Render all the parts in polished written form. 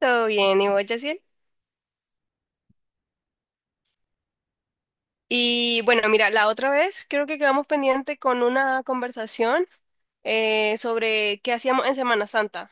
Todo bien, ¿y vos, Yaciel? Y bueno, mira, la otra vez creo que quedamos pendiente con una conversación sobre qué hacíamos en Semana Santa.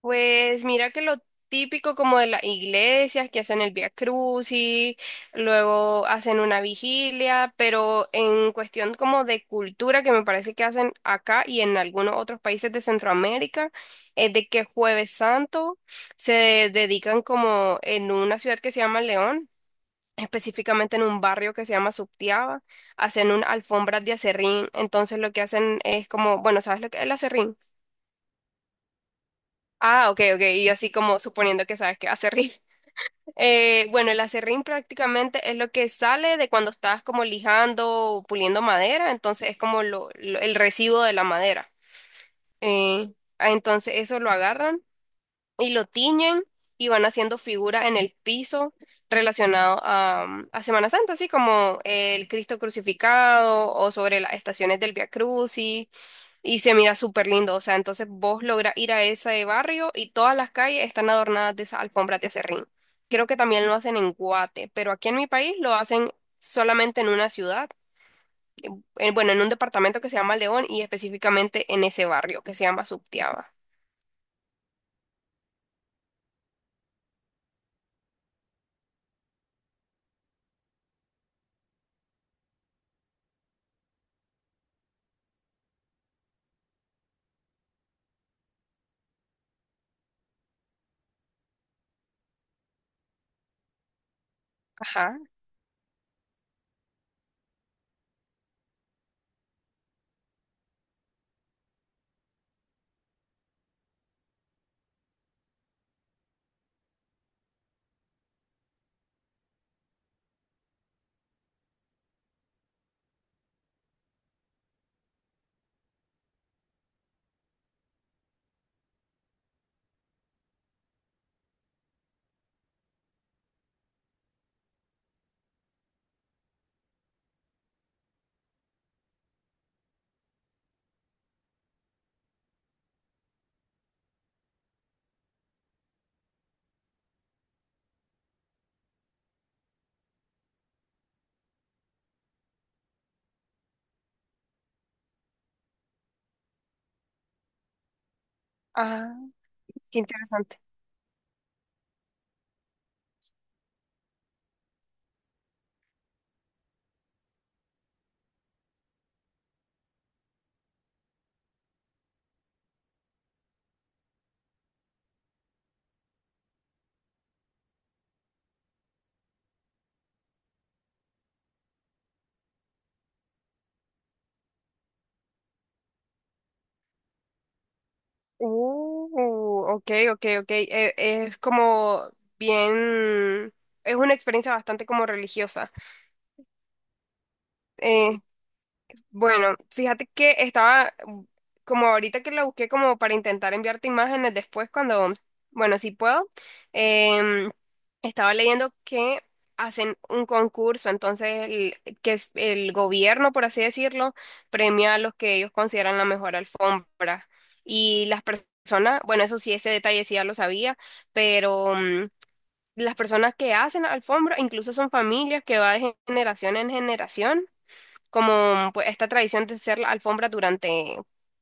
Pues mira que lo típico como de las iglesias que hacen el Vía Crucis, luego hacen una vigilia, pero en cuestión como de cultura que me parece que hacen acá y en algunos otros países de Centroamérica, es de que Jueves Santo se dedican como en una ciudad que se llama León, específicamente en un barrio que se llama Subtiaba. Hacen un alfombras de acerrín, entonces lo que hacen es como, bueno, ¿sabes lo que es el acerrín? Ah, ok, ok, y yo así como suponiendo que sabes que es acerrín. Bueno, el acerrín prácticamente es lo que sale de cuando estás como lijando o puliendo madera, entonces es como el residuo de la madera. Entonces eso lo agarran y lo tiñen y van haciendo figuras en el piso relacionado a, a Semana Santa, así como el Cristo crucificado o sobre las estaciones del Via Crucis, y se mira súper lindo, o sea, entonces vos lográs ir a ese barrio y todas las calles están adornadas de esas alfombras de acerrín. Creo que también lo hacen en Guate, pero aquí en mi país lo hacen solamente en una ciudad, bueno, en un departamento que se llama León y específicamente en ese barrio que se llama Subtiaba. Ajá, ajá, qué interesante. Ok, ok, ok. Es, como bien, es una experiencia bastante como religiosa. Eh, bueno, fíjate que estaba como ahorita que lo busqué como para intentar enviarte imágenes después cuando, bueno, si puedo, em, estaba leyendo que hacen un concurso, entonces que es el gobierno, por así decirlo, premia a los que ellos consideran la mejor alfombra y las personas, bueno, eso sí, ese detalle sí ya lo sabía, pero las personas que hacen la alfombra incluso son familias que va de generación en generación, como pues, esta tradición de hacer la alfombra durante,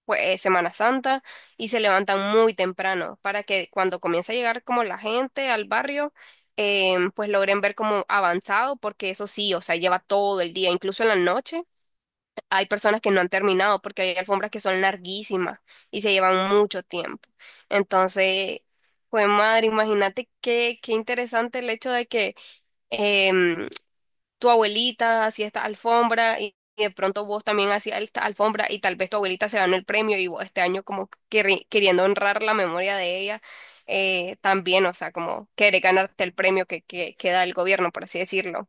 pues, Semana Santa, y se levantan muy temprano para que cuando comience a llegar como la gente al barrio, pues logren ver como avanzado, porque eso sí, o sea, lleva todo el día, incluso en la noche. Hay personas que no han terminado porque hay alfombras que son larguísimas y se llevan mucho tiempo. Entonces, pues madre, imagínate qué interesante el hecho de que... em, tu abuelita hacía esta alfombra y de pronto vos también hacías esta alfombra y tal vez tu abuelita se ganó el premio y vos este año como queriendo honrar la memoria de ella, también, o sea, como querer ganarte el premio que da el gobierno, por así decirlo.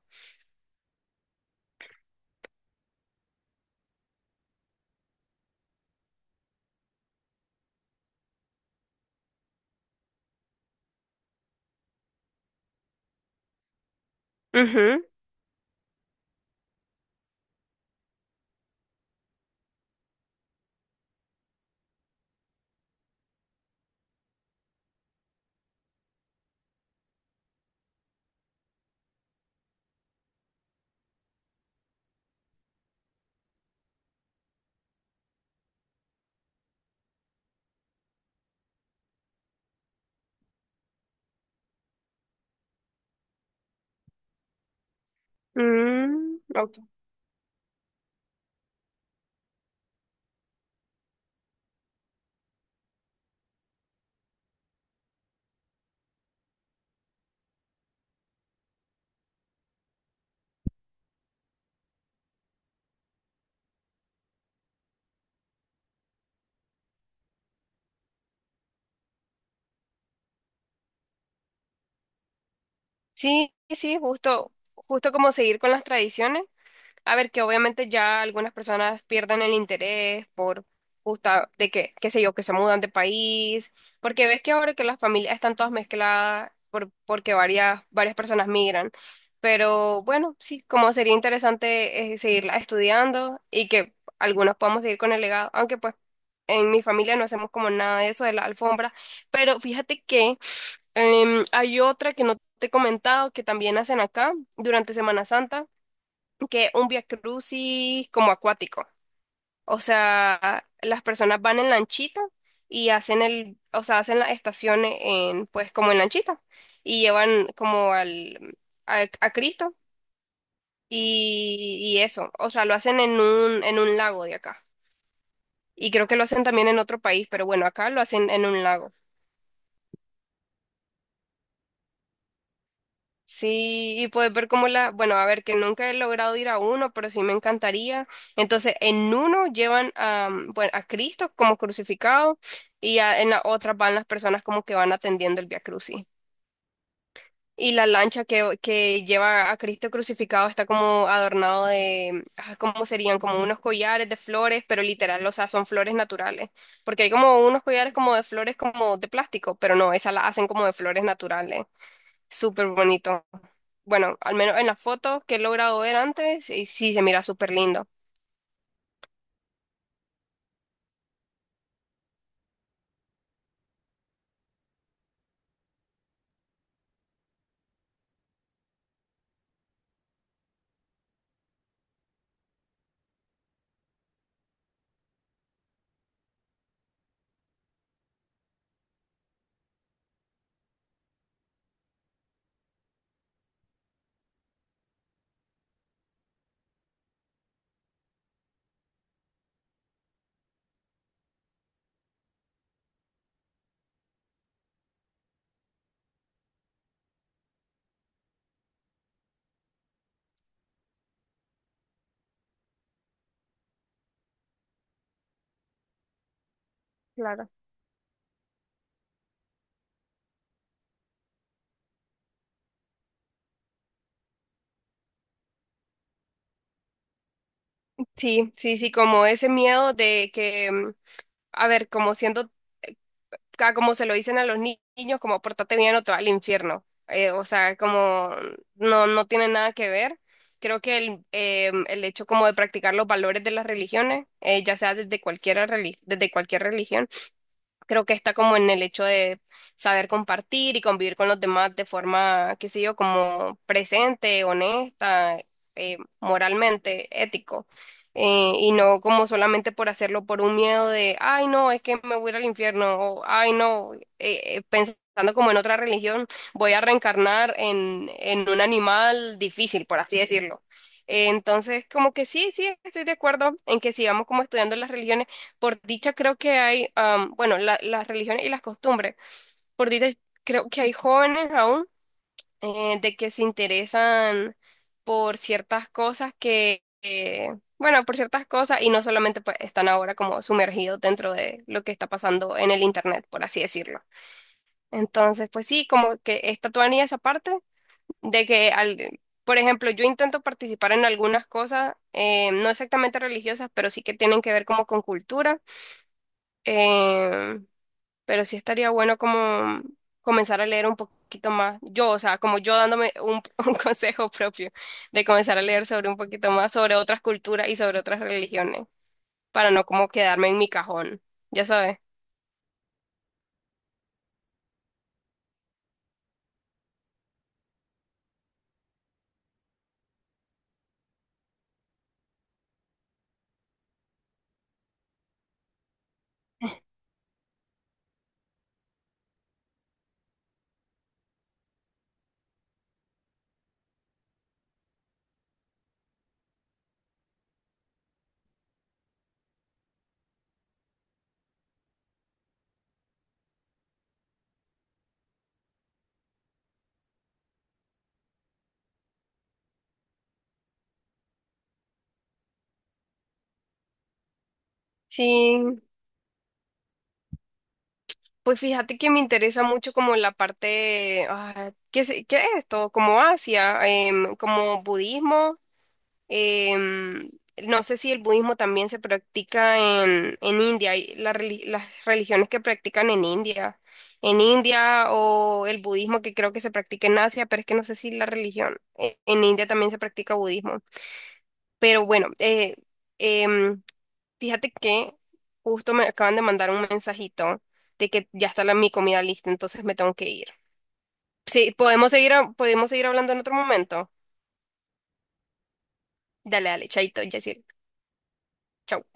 Ujú. Mm, ok. Sí, sí, justo, justo como seguir con las tradiciones. A ver, que obviamente ya algunas personas pierden el interés por justa de que, qué sé yo, que se mudan de país, porque ves que ahora que las familias están todas mezcladas porque varias, varias personas migran. Pero bueno, sí, como sería interesante seguirla estudiando y que algunos podamos seguir con el legado, aunque pues en mi familia no hacemos como nada de eso de la alfombra. Pero fíjate que hay otra que no te he comentado que también hacen acá durante Semana Santa, que un Via Crucis como acuático. O sea, las personas van en lanchita y hacen el, o sea, hacen las estaciones en, pues, como en lanchita y llevan como al, a Cristo y eso. O sea, lo hacen en un lago de acá. Y creo que lo hacen también en otro país, pero bueno, acá lo hacen en un lago. Sí, y puedes ver cómo la, bueno, a ver, que nunca he logrado ir a uno, pero sí me encantaría. Entonces, en uno llevan a, bueno, a Cristo como crucificado y en la otra van las personas como que van atendiendo el Vía Crucis. Y la lancha que lleva a Cristo crucificado está como adornado de, ah, ¿cómo serían? Como unos collares de flores, pero literal, o sea, son flores naturales. Porque hay como unos collares como de flores como de plástico, pero no, esas las hacen como de flores naturales. Súper bonito. Bueno, al menos en las fotos que he logrado ver antes, y sí se mira súper lindo. Claro. Sí, sí, sí, como ese miedo de que, a ver, como siento como se lo dicen a los niños, como pórtate bien o te va al infierno. O sea, como no, no tiene nada que ver. Creo que el hecho como de practicar los valores de las religiones, ya sea desde cualquier religión. Creo que está como en el hecho de saber compartir y convivir con los demás de forma, qué sé yo, como presente, honesta, moralmente, ético. Y no como solamente por hacerlo por un miedo de, ay, no, es que me voy a ir al infierno, o ay, no, pensando como en otra religión, voy a reencarnar en un animal difícil, por así decirlo. Entonces, como que sí, sí, estoy de acuerdo en que sigamos como estudiando las religiones. Por dicha creo que hay, bueno, las religiones y las costumbres. Por dicha creo que hay jóvenes aún de que se interesan por ciertas cosas bueno, por ciertas cosas y no solamente pues, están ahora como sumergidos dentro de lo que está pasando en el internet, por así decirlo. Entonces, pues sí, como que está todavía esa parte de que, al, por ejemplo, yo intento participar en algunas cosas, no exactamente religiosas, pero sí que tienen que ver como con cultura. Em, pero sí estaría bueno como comenzar a leer un poquito más. Yo, o sea, como yo dándome un, un consejo propio de comenzar a leer sobre un poquito más, sobre otras culturas y sobre otras religiones, para no como quedarme en mi cajón, ya sabes. Sí, pues fíjate que me interesa mucho como la parte, ah, ¿qué, qué es esto? Como Asia, como budismo. Em, no sé si el budismo también se practica en India, y las religiones que practican en India o el budismo que creo que se practica en Asia, pero es que no sé si la religión en India también se practica budismo. Pero bueno, em, fíjate que justo me acaban de mandar un mensajito de que ya está la, mi comida lista, entonces me tengo que ir. Sí, podemos seguir, podemos seguir hablando en otro momento. Dale, dale, chaito, Yaciel. Chau.